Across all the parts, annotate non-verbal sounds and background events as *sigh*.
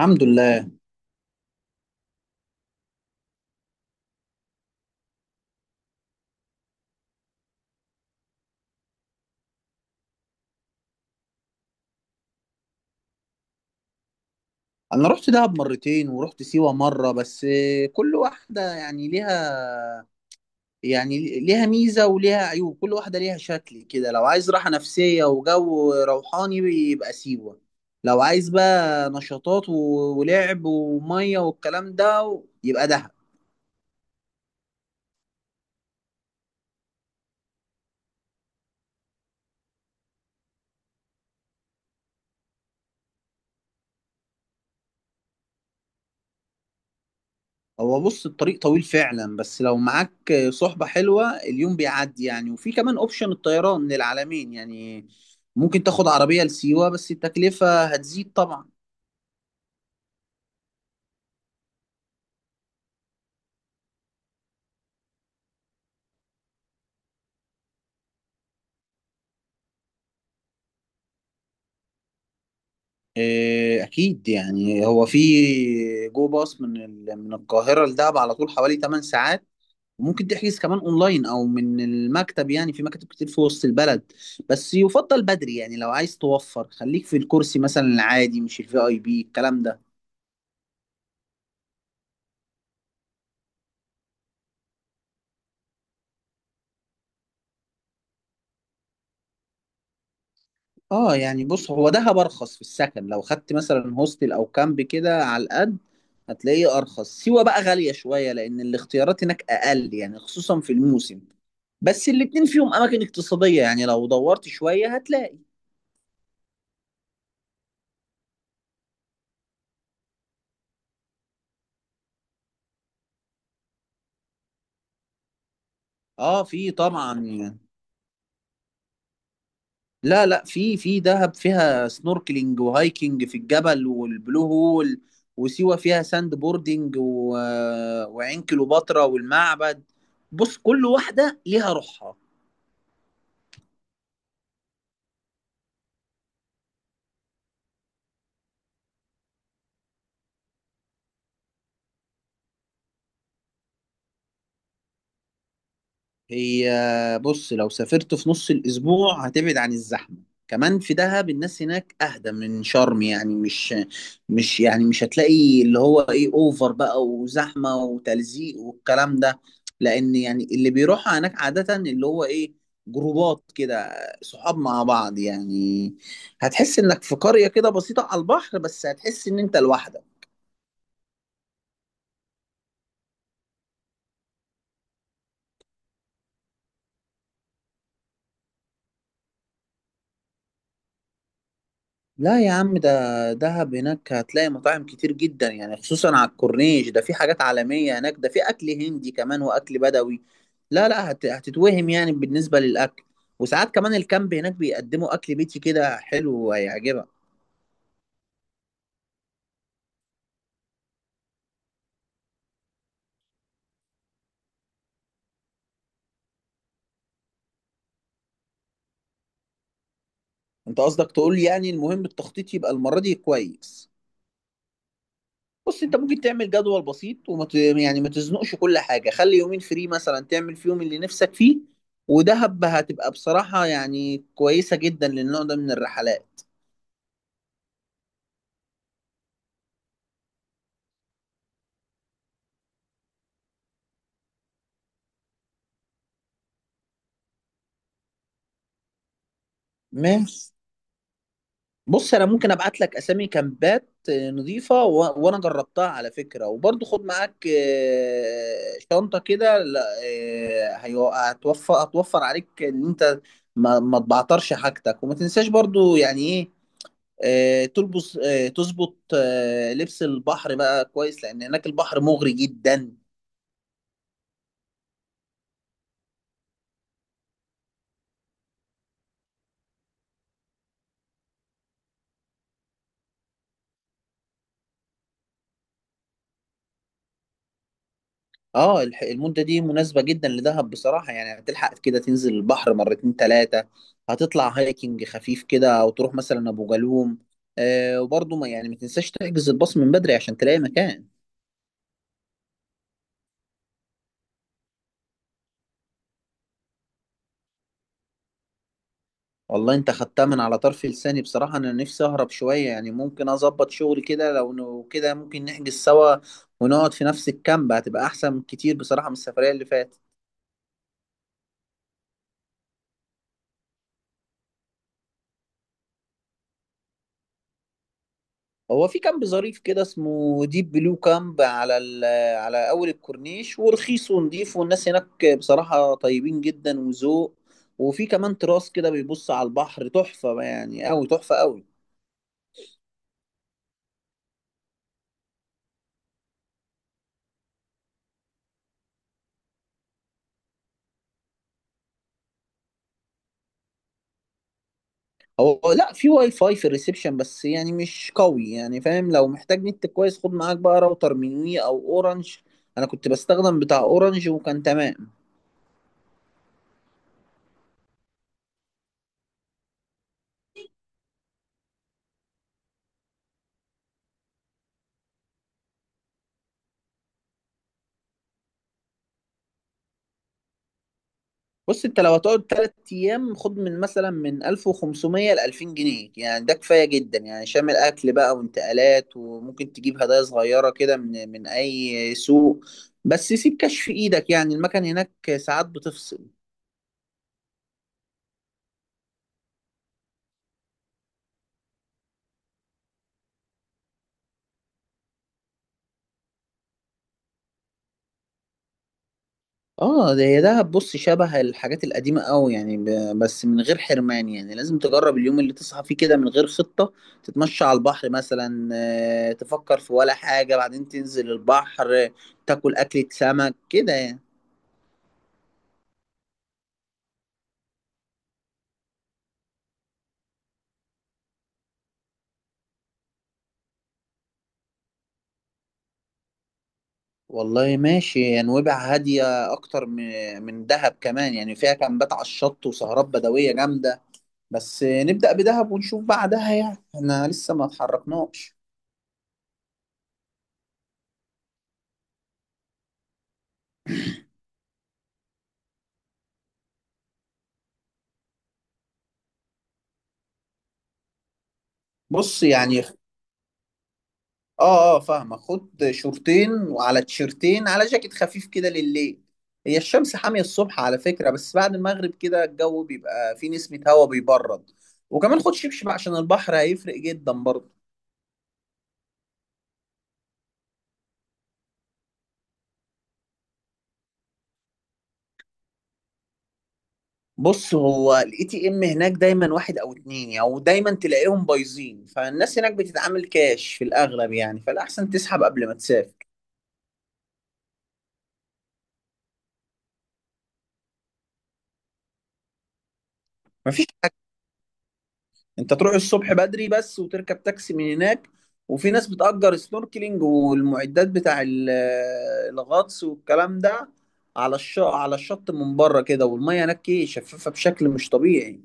الحمد لله. انا رحت دهب مرتين ورحت سيوة مرة بس. كل واحدة يعني ليها ميزة وليها عيوب. كل واحدة ليها شكل كده، لو عايز راحة نفسية وجو روحاني يبقى سيوة. لو عايز بقى نشاطات ولعب ومية والكلام ده يبقى دهب. هو بص، الطريق طويل فعلا، بس لو معاك صحبة حلوة اليوم بيعدي يعني، وفي كمان اوبشن الطيران للعالمين يعني. ممكن تاخد عربية لسيوة بس التكلفة هتزيد طبعا. إيه، أكيد يعني، هو في جو باص من القاهرة لدهب على طول حوالي 8 ساعات. وممكن تحجز كمان أونلاين أو من المكتب، يعني في مكاتب كتير في وسط البلد. بس يفضل بدري يعني، لو عايز توفر خليك في الكرسي مثلا العادي، مش الفي أي بي الكلام ده. اه يعني، بص، هو دهب ارخص في السكن. لو خدت مثلا هوستل او كامب كده على القد هتلاقيه ارخص. سيوة بقى غالية شوية لان الاختيارات هناك اقل يعني، خصوصا في الموسم. بس الاتنين فيهم اماكن اقتصادية يعني، لو دورت شوية هتلاقي. اه، في طبعا يعني. لا لا، في دهب فيها سنوركلينج وهايكنج في الجبل والبلو هول. وسيوة فيها ساند بوردنج وعين كليوباترا والمعبد. بص كل واحدة ليها روحها. هي بص، لو سافرت في نص الأسبوع هتبعد عن الزحمة. كمان في دهب الناس هناك أهدى من شرم يعني. مش هتلاقي اللي هو إيه، أوفر بقى وزحمة وتلزيق والكلام ده، لأن يعني اللي بيروح هناك عادة اللي هو إيه، جروبات كده، صحاب مع بعض يعني. هتحس إنك في قرية كده بسيطة على البحر، بس هتحس إن أنت لوحدك. لا يا عم، ده دهب. هناك هتلاقي مطاعم كتير جدا يعني، خصوصا على الكورنيش ده. في حاجات عالمية هناك، ده في أكل هندي كمان وأكل بدوي. لا لا، هتتوهم يعني بالنسبة للأكل. وساعات كمان الكامب هناك بيقدموا أكل بيتي كده حلو وهيعجبك. أنت قصدك تقول لي يعني المهم التخطيط يبقى المرة دي كويس. بص أنت ممكن تعمل جدول بسيط يعني ما تزنقش كل حاجة، خلي يومين فري مثلا تعمل فيهم اللي نفسك فيه. ودهب هتبقى بصراحة يعني كويسة جدا للنوع ده من الرحلات. ماشي. بص انا ممكن ابعت لك اسامي كامبات نظيفه وانا جربتها على فكره. وبرضه خد معاك شنطه كده، لا، هتوفر عليك ان انت ما تبعترش حاجتك، وما تنساش برضه يعني ايه، تلبس، تظبط لبس البحر بقى كويس، لان هناك البحر مغري جدا. اه المدة دي مناسبة جدا لدهب بصراحة يعني، هتلحق كده تنزل البحر مرتين تلاتة، هتطلع هايكنج خفيف كده او تروح مثلا ابو جالوم. آه، وبرضه ما تنساش تحجز الباص من بدري عشان تلاقي مكان. والله انت خدتها من على طرف لساني بصراحة. انا نفسي اهرب شوية يعني، ممكن اظبط شغل كده، لو كده ممكن نحجز سوا ونقعد في نفس الكامب. هتبقى احسن كتير بصراحة من السفرية اللي فاتت. هو في كامب ظريف كده اسمه ديب بلو كامب على اول الكورنيش، ورخيص ونضيف، والناس هناك بصراحة طيبين جدا وذوق. وفي كمان تراس كده بيبص على البحر، تحفة يعني قوي، تحفة قوي. هو لا، في واي فاي في الريسبشن بس يعني مش قوي يعني فاهم. لو محتاج نت كويس خد معاك بقى راوتر من وي او اورنج. انا كنت بستخدم بتاع اورنج وكان تمام. بص انت لو هتقعد تلات ايام خد من مثلا من 1500 ل 2000 جنيه يعني، ده كفايه جدا يعني، شامل اكل بقى وانتقالات. وممكن تجيب هدايا صغيره كده من اي سوق. بس سيب كاش في ايدك، يعني المكان هناك ساعات بتفصل. اه، ده هي دهب. بص شبه الحاجات القديمه قوي يعني، بس من غير حرمان. يعني لازم تجرب اليوم اللي تصحى فيه كده من غير خطه، تتمشى على البحر مثلا، تفكر في ولا حاجه، بعدين تنزل البحر، تاكل اكله سمك كده يعني. والله ماشي، نويبع هادية أكتر من دهب كمان يعني، فيها كامبات على الشط وسهرات بدوية جامدة. بس نبدأ بدهب ونشوف بعدها، يعني احنا لسه ما اتحركناش. بص يعني، اه اه، فاهمة. خد شورتين وعلى تيشرتين، على جاكيت خفيف كده لليل. هي الشمس حامية الصبح على فكرة، بس بعد المغرب كده الجو بيبقى فيه نسمة هواء بيبرد. وكمان خد شبشب عشان البحر هيفرق جدا برضه. بص، هو الاي تي ام هناك دايما واحد او اتنين او يعني، ودايما تلاقيهم بايظين. فالناس هناك بتتعامل كاش في الاغلب يعني، فالاحسن تسحب قبل ما تسافر. مفيش حاجه. انت تروح الصبح بدري بس، وتركب تاكسي من هناك. وفي ناس بتأجر سنوركلينج والمعدات بتاع *hesitation* الغطس والكلام ده، على الشط، على الشط من بره كده. والميه هناك ايه، شفافه بشكل مش طبيعي.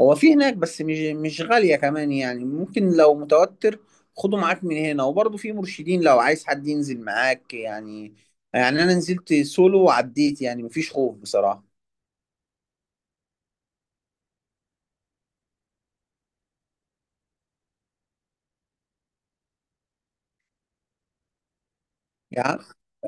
هو في هناك، بس مش غالية كمان يعني. ممكن لو متوتر خده معاك من هنا. وبرضه في مرشدين لو عايز حد ينزل معاك يعني. يعني أنا نزلت سولو وعديت، يعني مفيش خوف بصراحة. يعني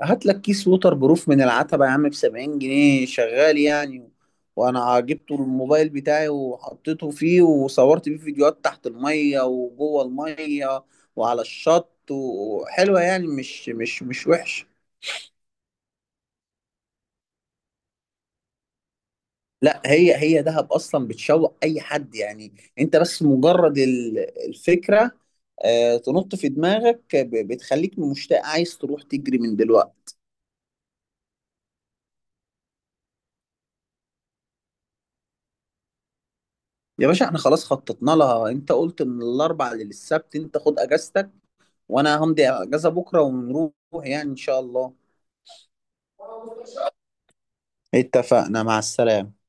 هات لك كيس ووتر بروف من العتبة يا عم، ب 70 جنيه شغال يعني. وأنا جبته الموبايل بتاعي وحطيته فيه، وصورت بيه فيديوهات تحت المية وجوه المية وعلى الشط، وحلوة يعني، مش وحش. لا، هي دهب اصلا بتشوق اي حد يعني. انت بس مجرد الفكره تنط في دماغك، بتخليك مشتاق عايز تروح تجري من دلوقتي. يا باشا، احنا خلاص خططنا لها. انت قلت من الاربع للسبت، انت خد اجازتك وانا همضي اجازه بكره ونروح، يعني ان شاء الله. اتفقنا، مع السلامه.